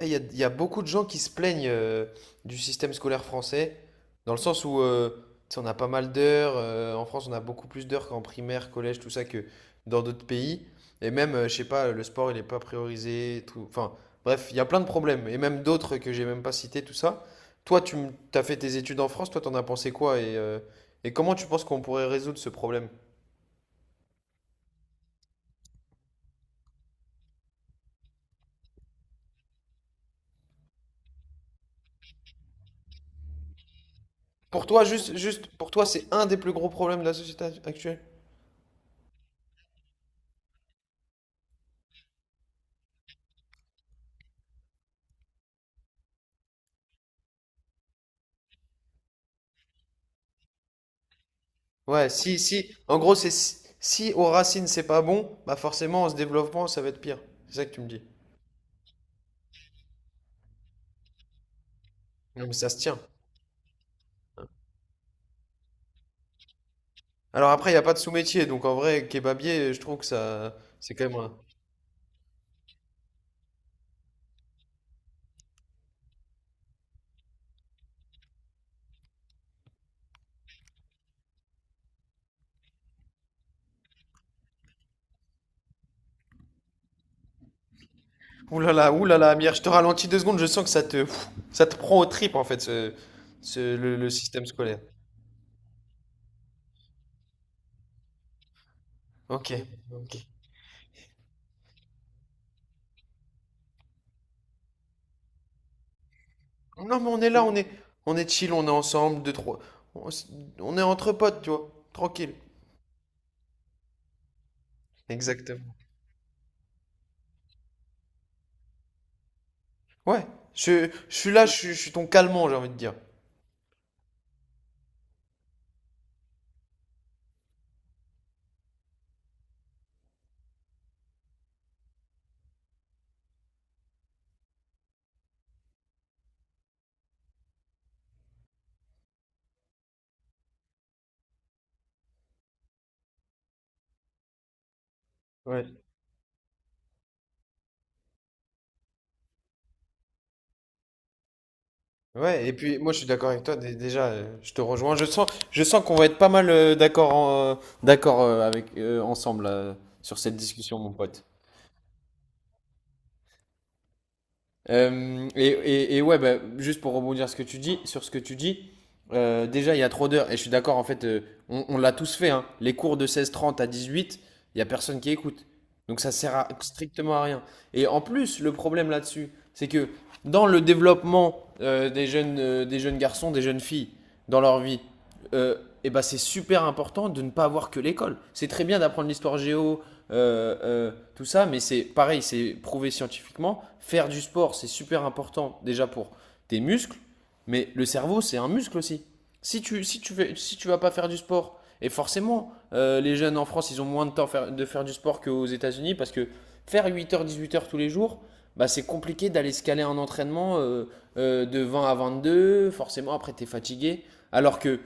Eh, Il y a beaucoup de gens qui se plaignent du système scolaire français, dans le sens où tu sais, on a pas mal d'heures. En France, on a beaucoup plus d'heures qu'en primaire, collège, tout ça, que dans d'autres pays. Et même, je sais pas, le sport, il n'est pas priorisé. Enfin, bref, il y a plein de problèmes. Et même d'autres que j'ai même pas cités, tout ça. Toi, tu as fait tes études en France, toi, t'en as pensé quoi? Et comment tu penses qu'on pourrait résoudre ce problème? Pour toi, pour toi, c'est un des plus gros problèmes de la société actuelle? Ouais, si, si, en gros, c'est si aux racines c'est pas bon, bah forcément, en se développement, ça va être pire. C'est ça que tu me dis. Non, mais ça se tient. Alors après, il n'y a pas de sous-métier, donc en vrai, kebabier, je trouve que ça, c'est quand même un. Ouh là là, Amir, je te ralentis deux secondes, je sens que ça te prend aux tripes, en fait, le système scolaire. Ok, ok. Non, mais on est là, on est chill, on est ensemble, deux, trois, on, s- on est entre potes, tu vois, tranquille. Exactement. Ouais, je suis là, je suis ton calmant, j'ai envie de dire. Ouais. Ouais, et puis moi je suis d'accord avec toi déjà, je te rejoins. Je sens qu'on va être pas mal d'accord avec ensemble sur cette discussion, mon pote. Et ouais, bah, juste pour rebondir ce que tu dis, sur ce que tu dis, déjà il y a trop d'heures, et je suis d'accord, en fait, on l'a tous fait, hein. Les cours de 16h30 à 18h, il n'y a personne qui écoute. Donc strictement à rien. Et en plus, le problème là-dessus, c'est que dans le développement des jeunes garçons, des jeunes filles, dans leur vie, euh, et ben c'est super important de ne pas avoir que l'école. C'est très bien d'apprendre l'histoire géo, tout ça. Mais c'est pareil, c'est prouvé scientifiquement. Faire du sport, c'est super important déjà pour tes muscles, mais le cerveau, c'est un muscle aussi. Si tu vas pas faire du sport, et forcément les jeunes en France, ils ont moins de temps de faire du sport qu'aux États-Unis parce que faire 8h-18h tous les jours, bah c'est compliqué d'aller se caler un entraînement de 20h à 22h. Forcément, après tu es fatigué, alors que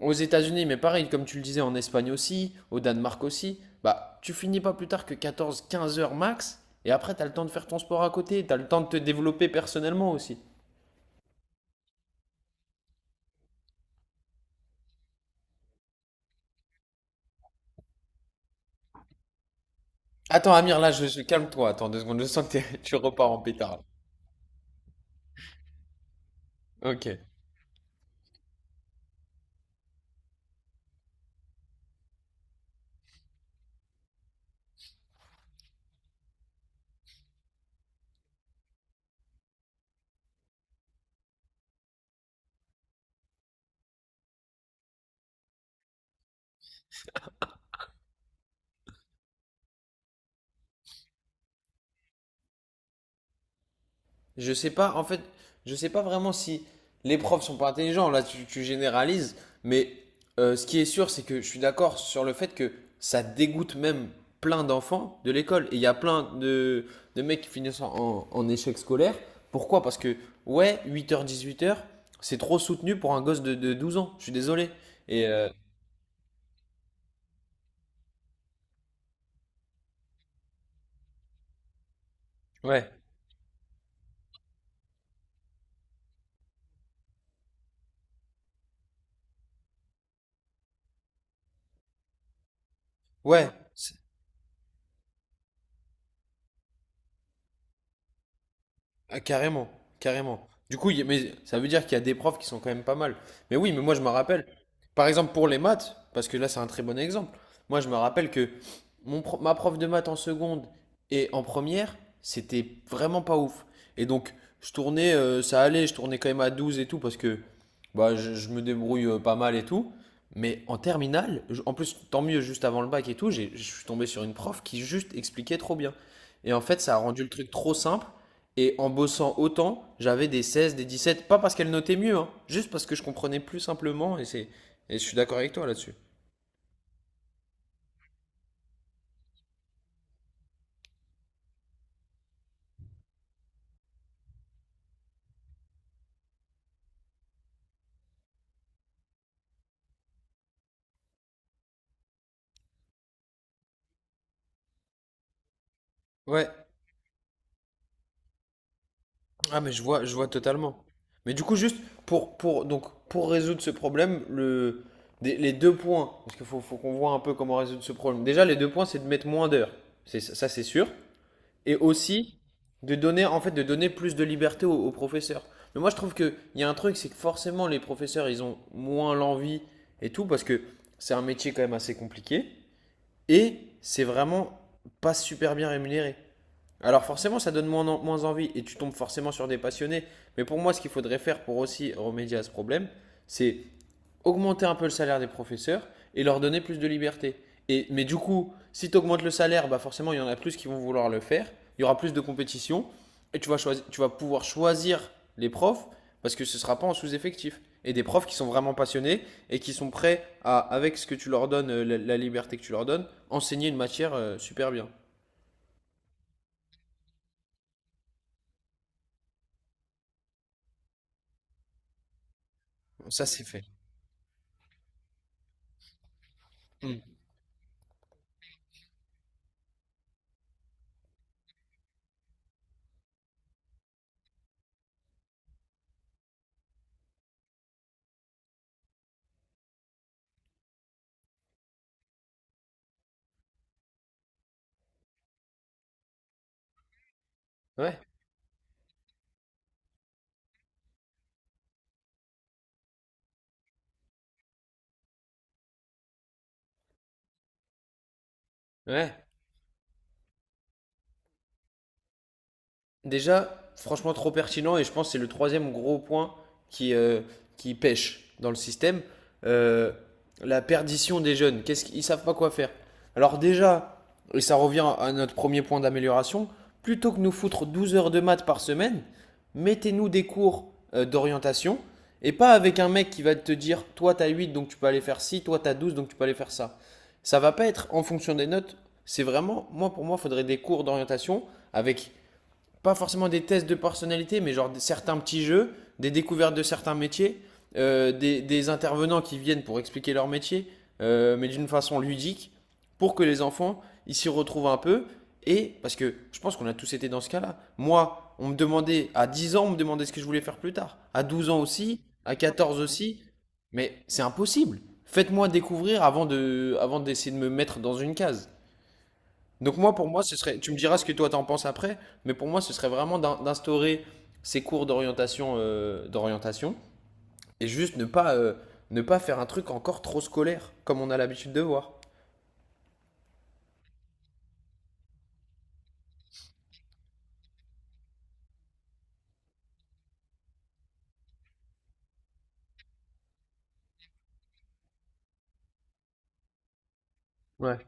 aux États-Unis, mais pareil, comme tu le disais, en Espagne aussi, au Danemark aussi, bah, tu finis pas plus tard que 14-15 heures max, et après, t'as le temps de faire ton sport à côté, t'as le temps de te développer personnellement aussi. Attends, Amir, là, calme-toi. Attends deux secondes. Je sens que t'es- tu repars en pétard. Ok. Je sais pas, en fait, je sais pas vraiment si les profs sont pas intelligents. Là, tu généralises, mais ce qui est sûr, c'est que je suis d'accord sur le fait que ça dégoûte même plein d'enfants de l'école. Et il y a plein de mecs qui finissent en échec scolaire. Pourquoi? Parce que, ouais, huit heures dix-huit heures, c'est trop soutenu pour un gosse de 12 ans. Je suis désolé. Et euh, ouais, ouais, ah, carrément, carrément. Du coup, mais ça veut dire qu'il y a des profs qui sont quand même pas mal. Mais oui, mais moi je me rappelle, par exemple pour les maths, parce que là c'est un très bon exemple. Moi je me rappelle que ma prof de maths en seconde et en première, c'était vraiment pas ouf. Et donc je tournais, ça allait, je tournais quand même à 12 et tout, parce que bah, je me débrouille pas mal et tout. Mais en terminale, en plus tant mieux, juste avant le bac et tout, je suis tombé sur une prof qui juste expliquait trop bien. Et en fait, ça a rendu le truc trop simple. Et en bossant autant, j'avais des 16, des 17, pas parce qu'elle notait mieux, hein, juste parce que je comprenais plus simplement, et je suis d'accord avec toi là-dessus. Ouais, ah mais je vois totalement. Mais du coup, juste pour résoudre ce problème, les deux points, parce qu'il faut qu'on voit un peu comment résoudre ce problème. Déjà, les deux points, c'est de mettre moins d'heures, ça c'est sûr. Et aussi de donner, en fait, de donner plus de liberté aux professeurs. Mais moi, je trouve qu'il y a un truc, c'est que forcément, les professeurs, ils ont moins l'envie et tout, parce que c'est un métier quand même assez compliqué. Et c'est vraiment pas super bien rémunéré. Alors forcément, ça donne moins envie, et tu tombes forcément sur des passionnés. Mais pour moi, ce qu'il faudrait faire pour aussi remédier à ce problème, c'est augmenter un peu le salaire des professeurs et leur donner plus de liberté. Et, mais du coup, si tu augmentes le salaire, bah forcément, il y en a plus qui vont vouloir le faire. Il y aura plus de compétition et tu vas, choisir, tu vas pouvoir choisir les profs parce que ce ne sera pas en sous-effectif. Et des profs qui sont vraiment passionnés et qui sont prêts à, avec ce que tu leur donnes, la liberté que tu leur donnes, enseigner une matière super bien. Bon, ça, c'est fait. Mm. Ouais, ouais. Déjà, franchement, trop pertinent, et je pense que c'est le troisième gros point qui, euh, qui pêche dans le système. Euh, la perdition des jeunes. Qu'est-ce qu'ils savent pas quoi faire. Alors déjà, et ça revient à notre premier point d'amélioration, plutôt que nous foutre 12 heures de maths par semaine, mettez-nous des cours d'orientation, et pas avec un mec qui va te dire toi t'as 8 donc tu peux aller faire ci, toi t'as 12 donc tu peux aller faire ça. Ça va pas être en fonction des notes, c'est vraiment moi, pour moi il faudrait des cours d'orientation avec pas forcément des tests de personnalité, mais genre certains petits jeux, des découvertes de certains métiers, des intervenants qui viennent pour expliquer leur métier, mais d'une façon ludique, pour que les enfants ils s'y retrouvent un peu. Et parce que je pense qu'on a tous été dans ce cas-là. Moi, on me demandait, à 10 ans, on me demandait ce que je voulais faire plus tard. À 12 ans aussi, à 14 ans aussi. Mais c'est impossible. Faites-moi découvrir avant de, avant d'essayer de me mettre dans une case. Donc moi, pour moi, ce serait, tu me diras ce que toi t'en penses après, mais pour moi, ce serait vraiment d'instaurer ces cours d'orientation, et juste ne pas, ne pas faire un truc encore trop scolaire, comme on a l'habitude de voir. Ouais.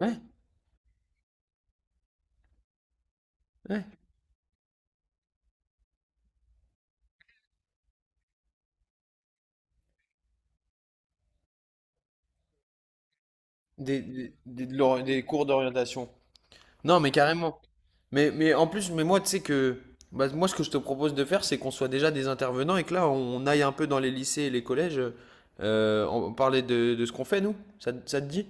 Ouais, ouais. Des cours d'orientation. Non, mais carrément. Mais en plus, mais moi, tu sais que, bah, moi, ce que je te propose de faire, c'est qu'on soit déjà des intervenants et que là, on aille un peu dans les lycées et les collèges, on parler de ce qu'on fait, nous. Ça te dit?